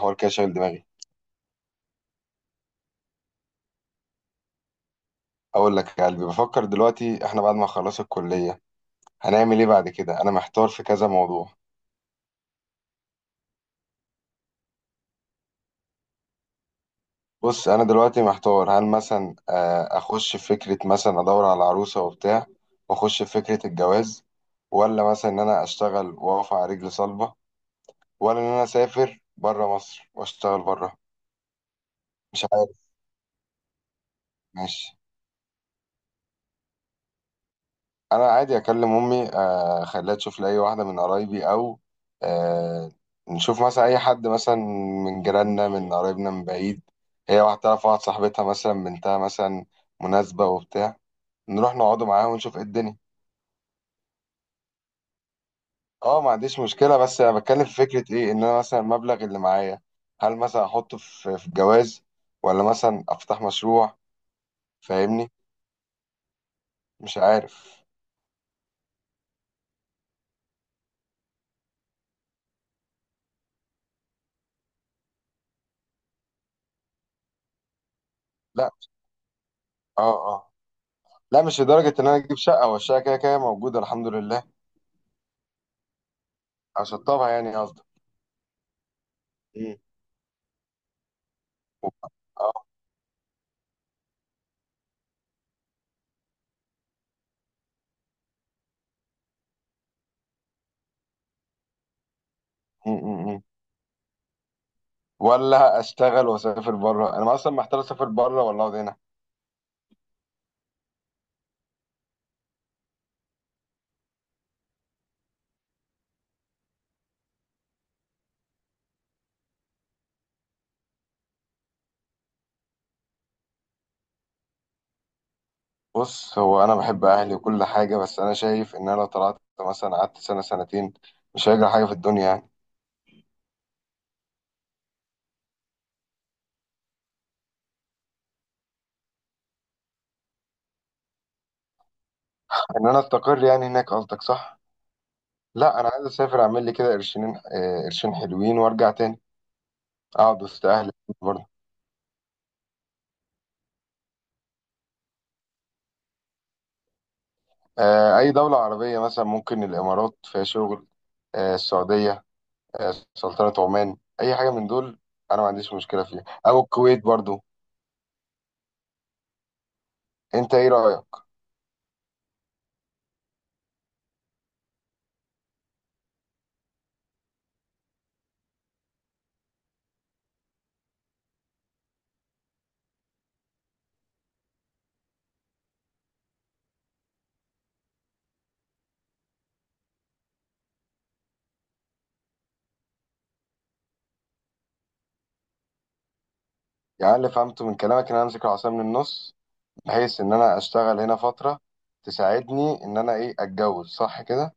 حوار كده شاغل دماغي. اقول لك يا قلبي، بفكر دلوقتي احنا بعد ما خلص الكليه هنعمل ايه بعد كده. انا محتار في كذا موضوع. بص انا دلوقتي محتار، هل مثلا اخش في فكره، مثلا ادور على عروسه وبتاع واخش في فكره الجواز، ولا مثلا ان انا اشتغل واقف على رجل صلبه، ولا ان انا اسافر بره مصر واشتغل بره. مش عارف. ماشي. انا عادي اكلم امي، اخليها تشوف لي اي واحده من قرايبي او آه، نشوف مثلا اي حد مثلا من جيراننا من قرايبنا من بعيد. هي واحده تعرف واحد صاحبتها مثلا بنتها مثلا مناسبه وبتاع، نروح نقعدوا معاها ونشوف ايه الدنيا. اه ما عنديش مشكله، بس انا بتكلم في فكره ايه، ان انا مثلا المبلغ اللي معايا هل مثلا احطه في الجواز ولا مثلا افتح مشروع؟ فاهمني؟ مش عارف. لا. اه، اه. لا مش لدرجه ان انا اجيب شقه، والشقه كده كده موجوده الحمد لله. اشطبها يعني قصدك؟ مم. اه. م- م- م. ولا اشتغل واسافر بره؟ انا اصلا محتار، اسافر بره ولا اقعد هنا؟ بص، هو انا بحب اهلي وكل حاجه، بس انا شايف ان انا لو طلعت مثلا قعدت سنه سنتين مش هيجري حاجه في الدنيا يعني. ان انا استقر يعني هناك قصدك، صح؟ لا انا عايز اسافر، اعمل لي كده قرشين، قرشين حلوين، وارجع تاني اقعد وسط اهلي. برضه. اي دوله عربيه، مثلا ممكن الامارات فيها شغل، السعوديه، سلطنة عمان، أي حاجة من دول. أنا ما عنديش مشكلة فيها، أو الكويت برضو. أنت إيه رأيك؟ يعني اللي فهمته من كلامك إن أنا أمسك العصاية من النص، بحيث إن أنا أشتغل هنا فترة تساعدني إن أنا إيه، أتجوز، صح كده؟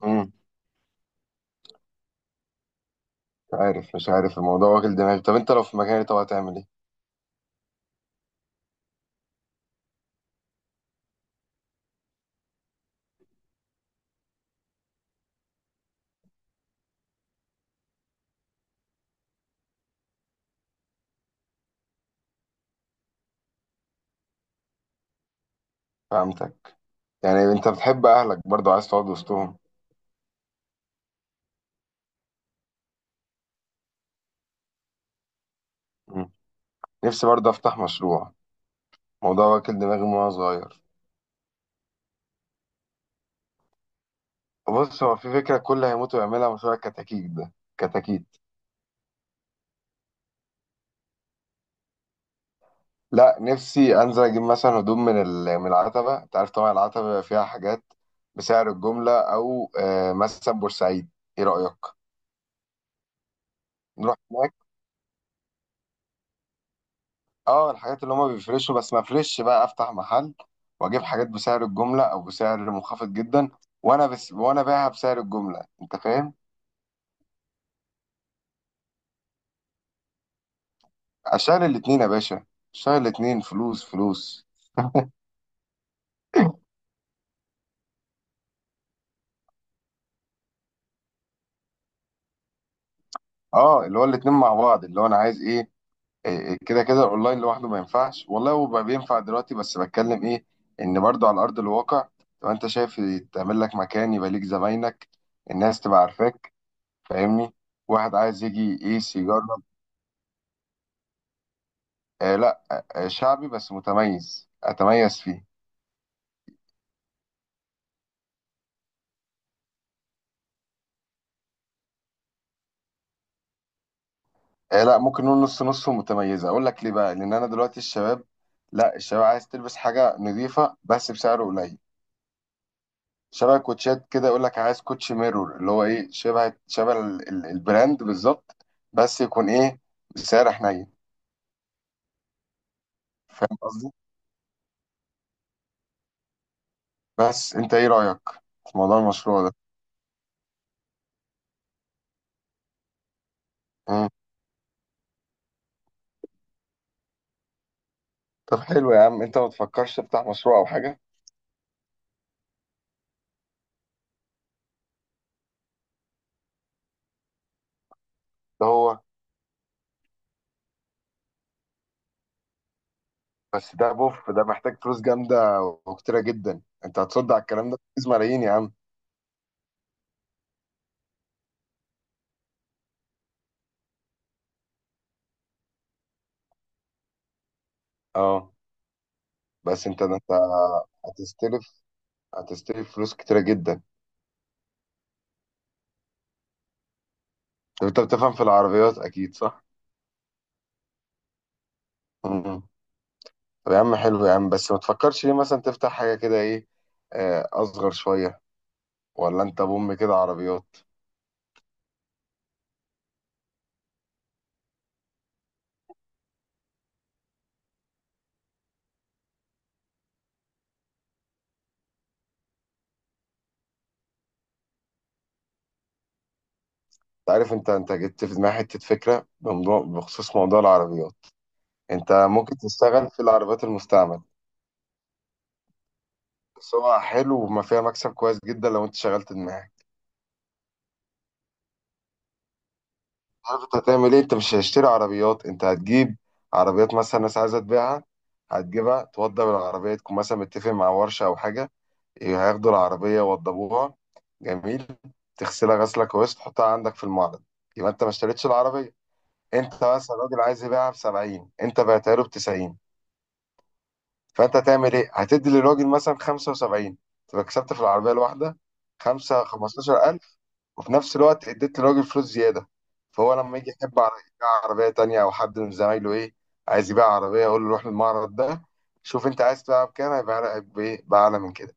امم مش عارف، مش عارف الموضوع واكل دماغي. طب أنت لو في مكاني، طب هتعمل إيه؟ فهمتك. يعني أنت بتحب أهلك، برضو عايز تقعد وسطهم. مم. نفسي برضو أفتح مشروع، موضوع واكل دماغي من وأنا صغير. بص، هو في فكرة كل هيموت ويعملها، مشروع الكتاكيت ده. كتاكيت. لا، نفسي انزل اجيب مثلا هدوم من من العتبه، انت عارف طبعا العتبه بيبقى فيها حاجات بسعر الجمله، او مثلا بورسعيد. ايه رايك، نروح هناك؟ اه الحاجات اللي هما بيفرشوا، بس ما افرش، بقى افتح محل واجيب حاجات بسعر الجمله او بسعر منخفض جدا، وانا بس وانا بايعها بسعر الجمله، انت فاهم؟ اشتغل الاتنين يا باشا، اشتغل الاتنين، فلوس فلوس. اه اللي هو الاتنين مع بعض، اللي هو انا عايز ايه، إيه، كده كده الاونلاين لوحده ما ينفعش والله، هو بقى بينفع دلوقتي، بس بتكلم ايه، ان برضو على ارض الواقع تبقى انت شايف تعمل لك مكان، يبقى ليك زباينك، الناس تبقى عارفاك، فاهمني؟ واحد عايز يجي يقيس يجرب. لا. شعبي بس متميز، اتميز فيه. لا، ممكن نقول نص نص ومتميزه. اقول لك ليه بقى، لان انا دلوقتي الشباب، لا الشباب عايز تلبس حاجه نظيفه بس بسعر قليل. شبه كوتشات كده، يقول لك عايز كوتش ميرور، اللي هو ايه، شبه شبه البراند بالظبط، بس يكون ايه، بسعر حنين. فاهم قصدي؟ بس انت ايه رأيك في موضوع المشروع ده؟ مم. طب حلو يا عم، انت ما تفكرش تفتح مشروع او حاجة؟ ده هو. بس ده بوف، ده محتاج فلوس جامدة وكتيرة جدا. انت هتصد على الكلام ده، فلوس ملايين يا عم. اه. بس انت ده، انت هتستلف، هتستلف فلوس كتيرة جدا. طب انت بتفهم في العربيات اكيد، صح؟ مم. طب يا عم حلو يا عم، بس ما تفكرش ليه مثلا تفتح حاجة كده ايه، أصغر شوية؟ ولا أنت بوم كده عربيات؟ أنت عارف أنت، أنت جبت في دماغي حتة فكرة بموضوع، بخصوص موضوع العربيات. أنت ممكن تشتغل في العربيات المستعمل، سواء حلو وما فيها مكسب كويس جدا لو أنت شغلت دماغك. عارف أنت هتعمل إيه؟ أنت مش هتشتري عربيات، أنت هتجيب عربيات مثلا ناس عايزة تبيعها، هتجيبها، توضب العربية، تكون مثلا متفق مع ورشة أو حاجة، هياخدوا العربية يوضبوها، جميل، تغسلها غسلة كويس، تحطها عندك في المعرض، يبقى انت ما اشتريتش العربية. انت مثلا راجل عايز يبيعها ب 70، انت بعتها له ب 90، فانت هتعمل ايه؟ هتدي للراجل مثلا 75، تبقى كسبت في العربية الواحدة 5، 15000. وفي نفس الوقت اديت للراجل فلوس زيادة. فهو لما يجي يحب يبيع عربية تانية، او حد من زمايله ايه، عايز يبيع عربية، يقول له روح للمعرض ده، شوف انت عايز تبيعها بكام، هيبيعها لك بايه، بأعلى من كده.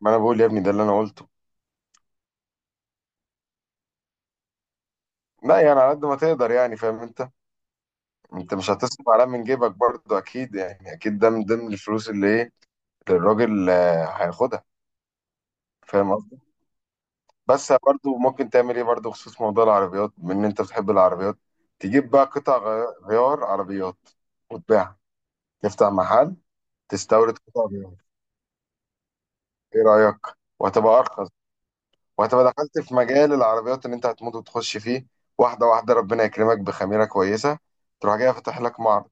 ما انا بقول يا ابني ده اللي انا قلته. لا يعني على قد ما تقدر، يعني فاهم انت، انت مش هتصرف عليها من جيبك برضه اكيد، يعني اكيد ده من ضمن الفلوس اللي ايه، الراجل هياخدها. فاهم قصدي. بس برضه ممكن تعمل ايه برضه بخصوص موضوع العربيات، بما ان انت بتحب العربيات، تجيب بقى قطع غيار عربيات، وتبيعها، تفتح محل، تستورد قطع غيار. ايه رأيك؟ وهتبقى ارخص، وهتبقى دخلت في مجال العربيات اللي انت هتموت وتخش فيه. واحدة واحدة ربنا يكرمك بخميرة كويسة، تروح جاي فاتح لك معرض.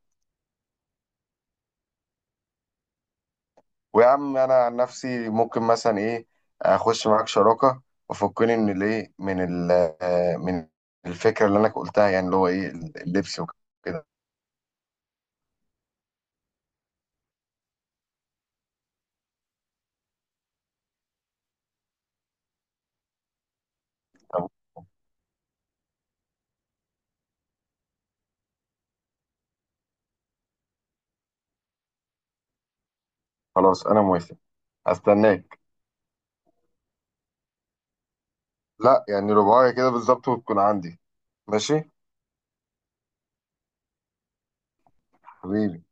ويا عم انا عن نفسي ممكن مثلا ايه، اخش معاك شراكه، وفكني من الايه، من ال، من الفكره اللي انا قلتها يعني، اللي هو ايه، اللبس وكده. طب خلاص انا موافق. هستناك. لا يعني رباعية كده بالظبط، وتكون عندي. ماشي. حبيبي.